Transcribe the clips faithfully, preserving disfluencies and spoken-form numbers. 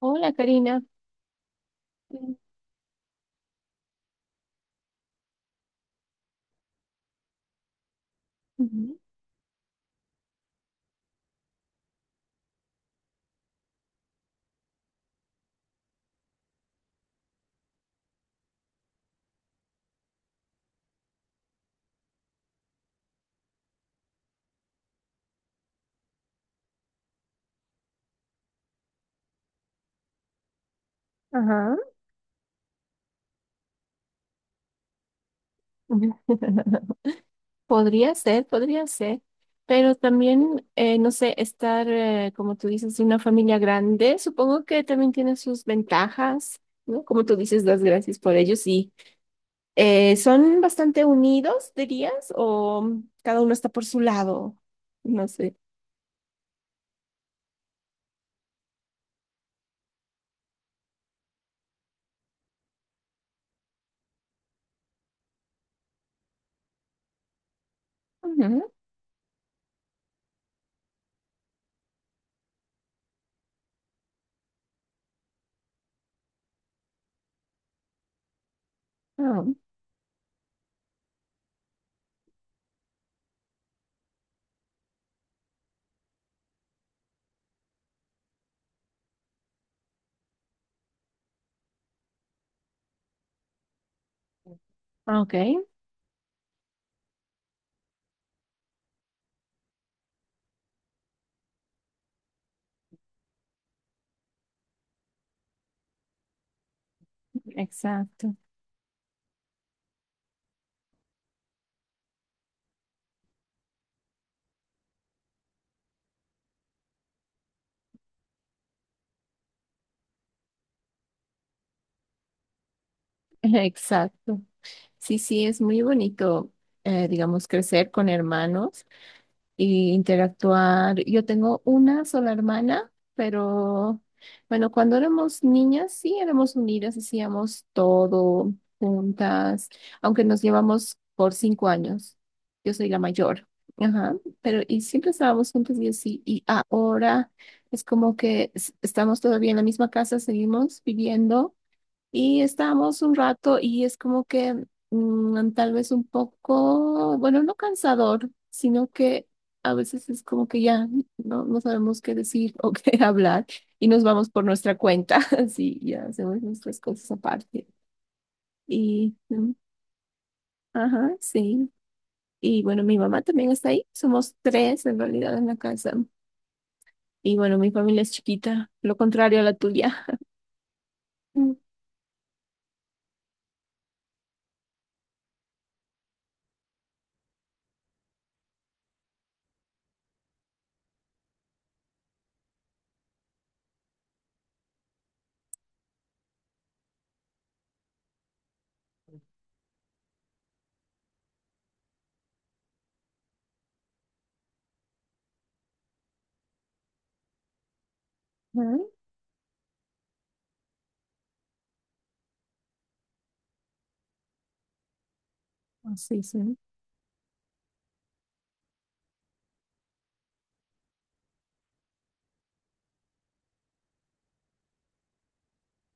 Hola, Karina. Mm, ujú, Ajá. Podría ser, podría ser, pero también, eh, no sé, estar, eh, como tú dices, en una familia grande, supongo que también tiene sus ventajas, ¿no? Como tú dices, das gracias por ellos y eh, son bastante unidos, dirías, o cada uno está por su lado, no sé. Ujú. Ah, ok, exacto, exacto. Sí, sí, es muy bonito, eh, digamos, crecer con hermanos. Y interactuar. Yo tengo una sola hermana, pero bueno, cuando éramos niñas sí éramos unidas, hacíamos todo juntas, aunque nos llevamos por cinco años. Yo soy la mayor. Ajá, pero y siempre estábamos juntos y así, y ahora es como que es- estamos todavía en la misma casa, seguimos viviendo y estábamos un rato y es como que mm, tal vez un poco, bueno, no cansador, sino que a veces es como que ya no, no sabemos qué decir o qué hablar y nos vamos por nuestra cuenta, así ya hacemos nuestras cosas aparte. Y, mm, ajá, sí. Y bueno, mi mamá también está ahí, somos tres en realidad en la casa. Y bueno, mi familia es chiquita, lo contrario a la tuya. Ujú, así, sí.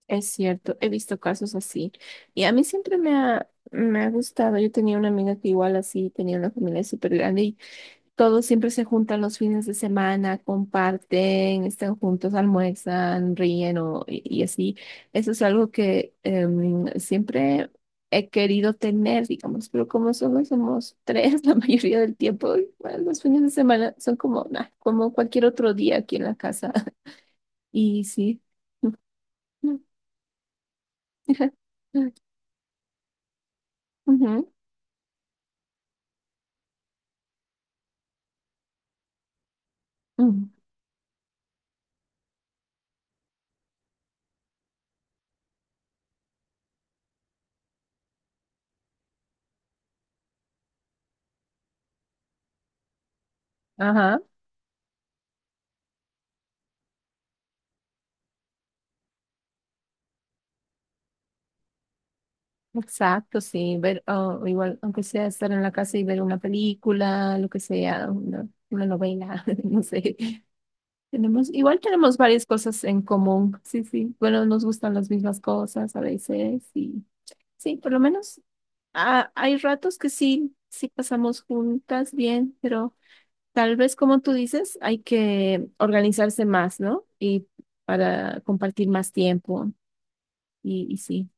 Es cierto, he visto casos así. Y a mí siempre me ha, me ha gustado. Yo tenía una amiga que igual así tenía una familia súper grande y todos siempre se juntan los fines de semana, comparten, están juntos, almuerzan, ríen o, y, y así. Eso es algo que em, siempre he querido tener, digamos, pero como solo somos tres la mayoría del tiempo, igual los fines de semana son como, nah, como cualquier otro día aquí en la casa. Y sí. Ujú, ujú. Ajá, exacto, sí, ver, o igual, aunque sea estar en la casa y ver una película, lo que sea, una, una novela, no sé. Tenemos, igual tenemos varias cosas en común, sí, sí. Bueno, nos gustan las mismas cosas a veces y sí, por lo menos ah, hay ratos que sí, sí pasamos juntas bien, pero tal vez como tú dices, hay que organizarse más, ¿no? Y para compartir más tiempo y, y sí.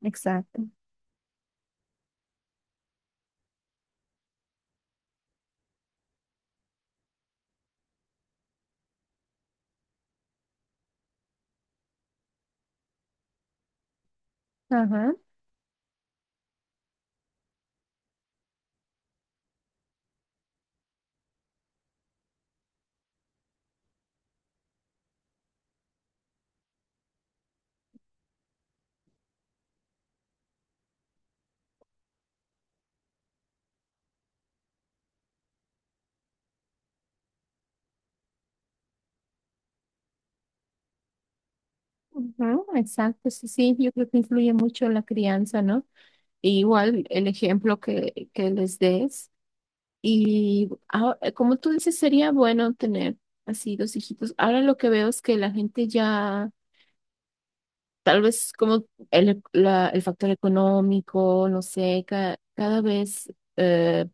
Exacto. Ajá, ujú, exacto. Sí, sí, yo creo que influye mucho la crianza, ¿no? Y igual el ejemplo que, que les des. Y ah, como tú dices, sería bueno tener así dos hijitos. Ahora lo que veo es que la gente ya, tal vez como el, e- la- el factor económico, no sé, ca- cada vez eh,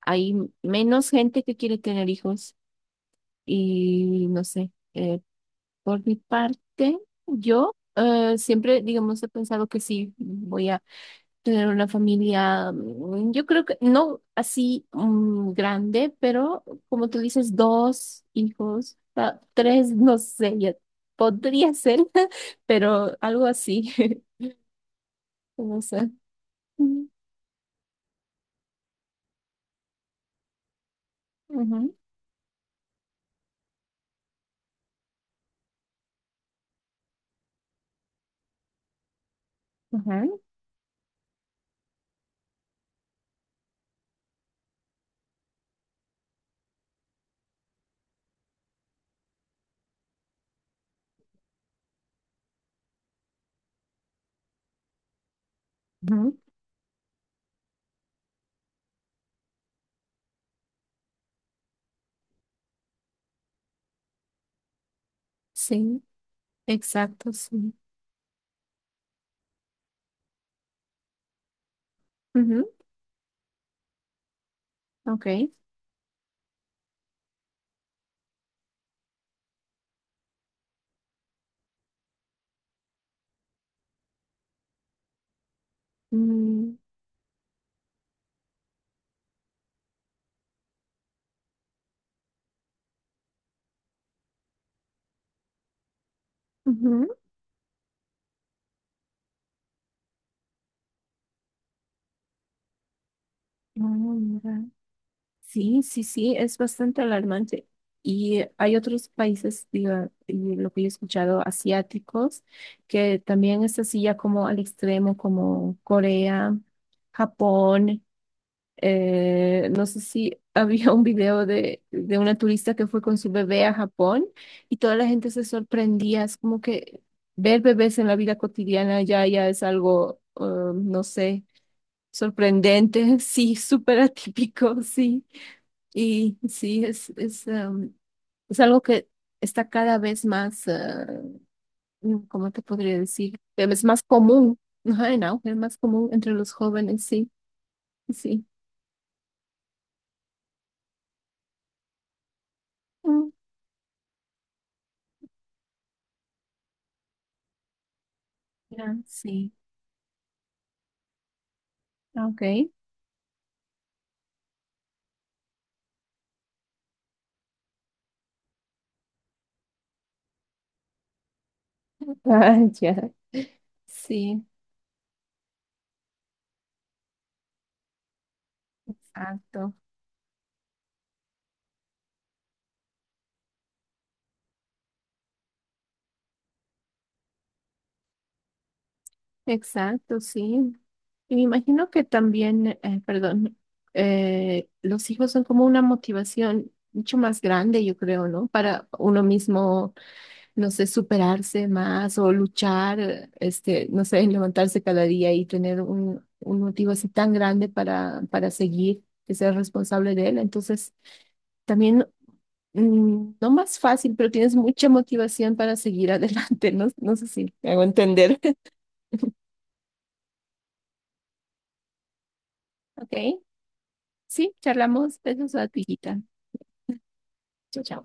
hay menos gente que quiere tener hijos y no sé. eh, Por mi parte, yo eh, siempre, digamos, he pensado que sí, voy a tener una familia, mm, yo creo que no así mm, grande, pero como tú dices, dos hijos, ta- tres, no sé, ya podría ser, pero algo así, no sé. Mm, ujú, ujú, ujú. Sí, exacto, sí. Ujú, ok. Mm, ujú. Ah, mira. Sí, sí, sí, es bastante alarmante. Y hay otros países, diga, y lo que yo he escuchado, asiáticos, que también es así ya como al extremo, como Corea, Japón. Eh, no sé si había un video de, de una turista que fue con su bebé a Japón y toda la gente se sorprendía. Es como que ver bebés en la vida cotidiana ya, ya es algo, eh, no sé, sorprendente, sí, súper atípico, sí. Y sí, es, es, em, es algo que está cada vez más, eh, ¿cómo te podría decir? Em, Es más común, ajá, en auge, más común entre los jóvenes, sí, sí. Mm, ya, sí. Ok. Ah, ya. Sí, exacto, exacto, sí. Y me imagino que también, eh, perdón, eh, los hijos son como una motivación mucho más grande, yo creo, ¿no? Para uno mismo no sé, superarse más o luchar, eh, este, no sé, en levantarse cada día y tener un, un motivo así tan grande para, para seguir, que ser responsable de él. Entonces, también, mm, no más fácil, pero tienes mucha motivación para seguir adelante. No, no sé si me hago entender. Ok, sí, charlamos. Besos a tu hijita. Chao, chao.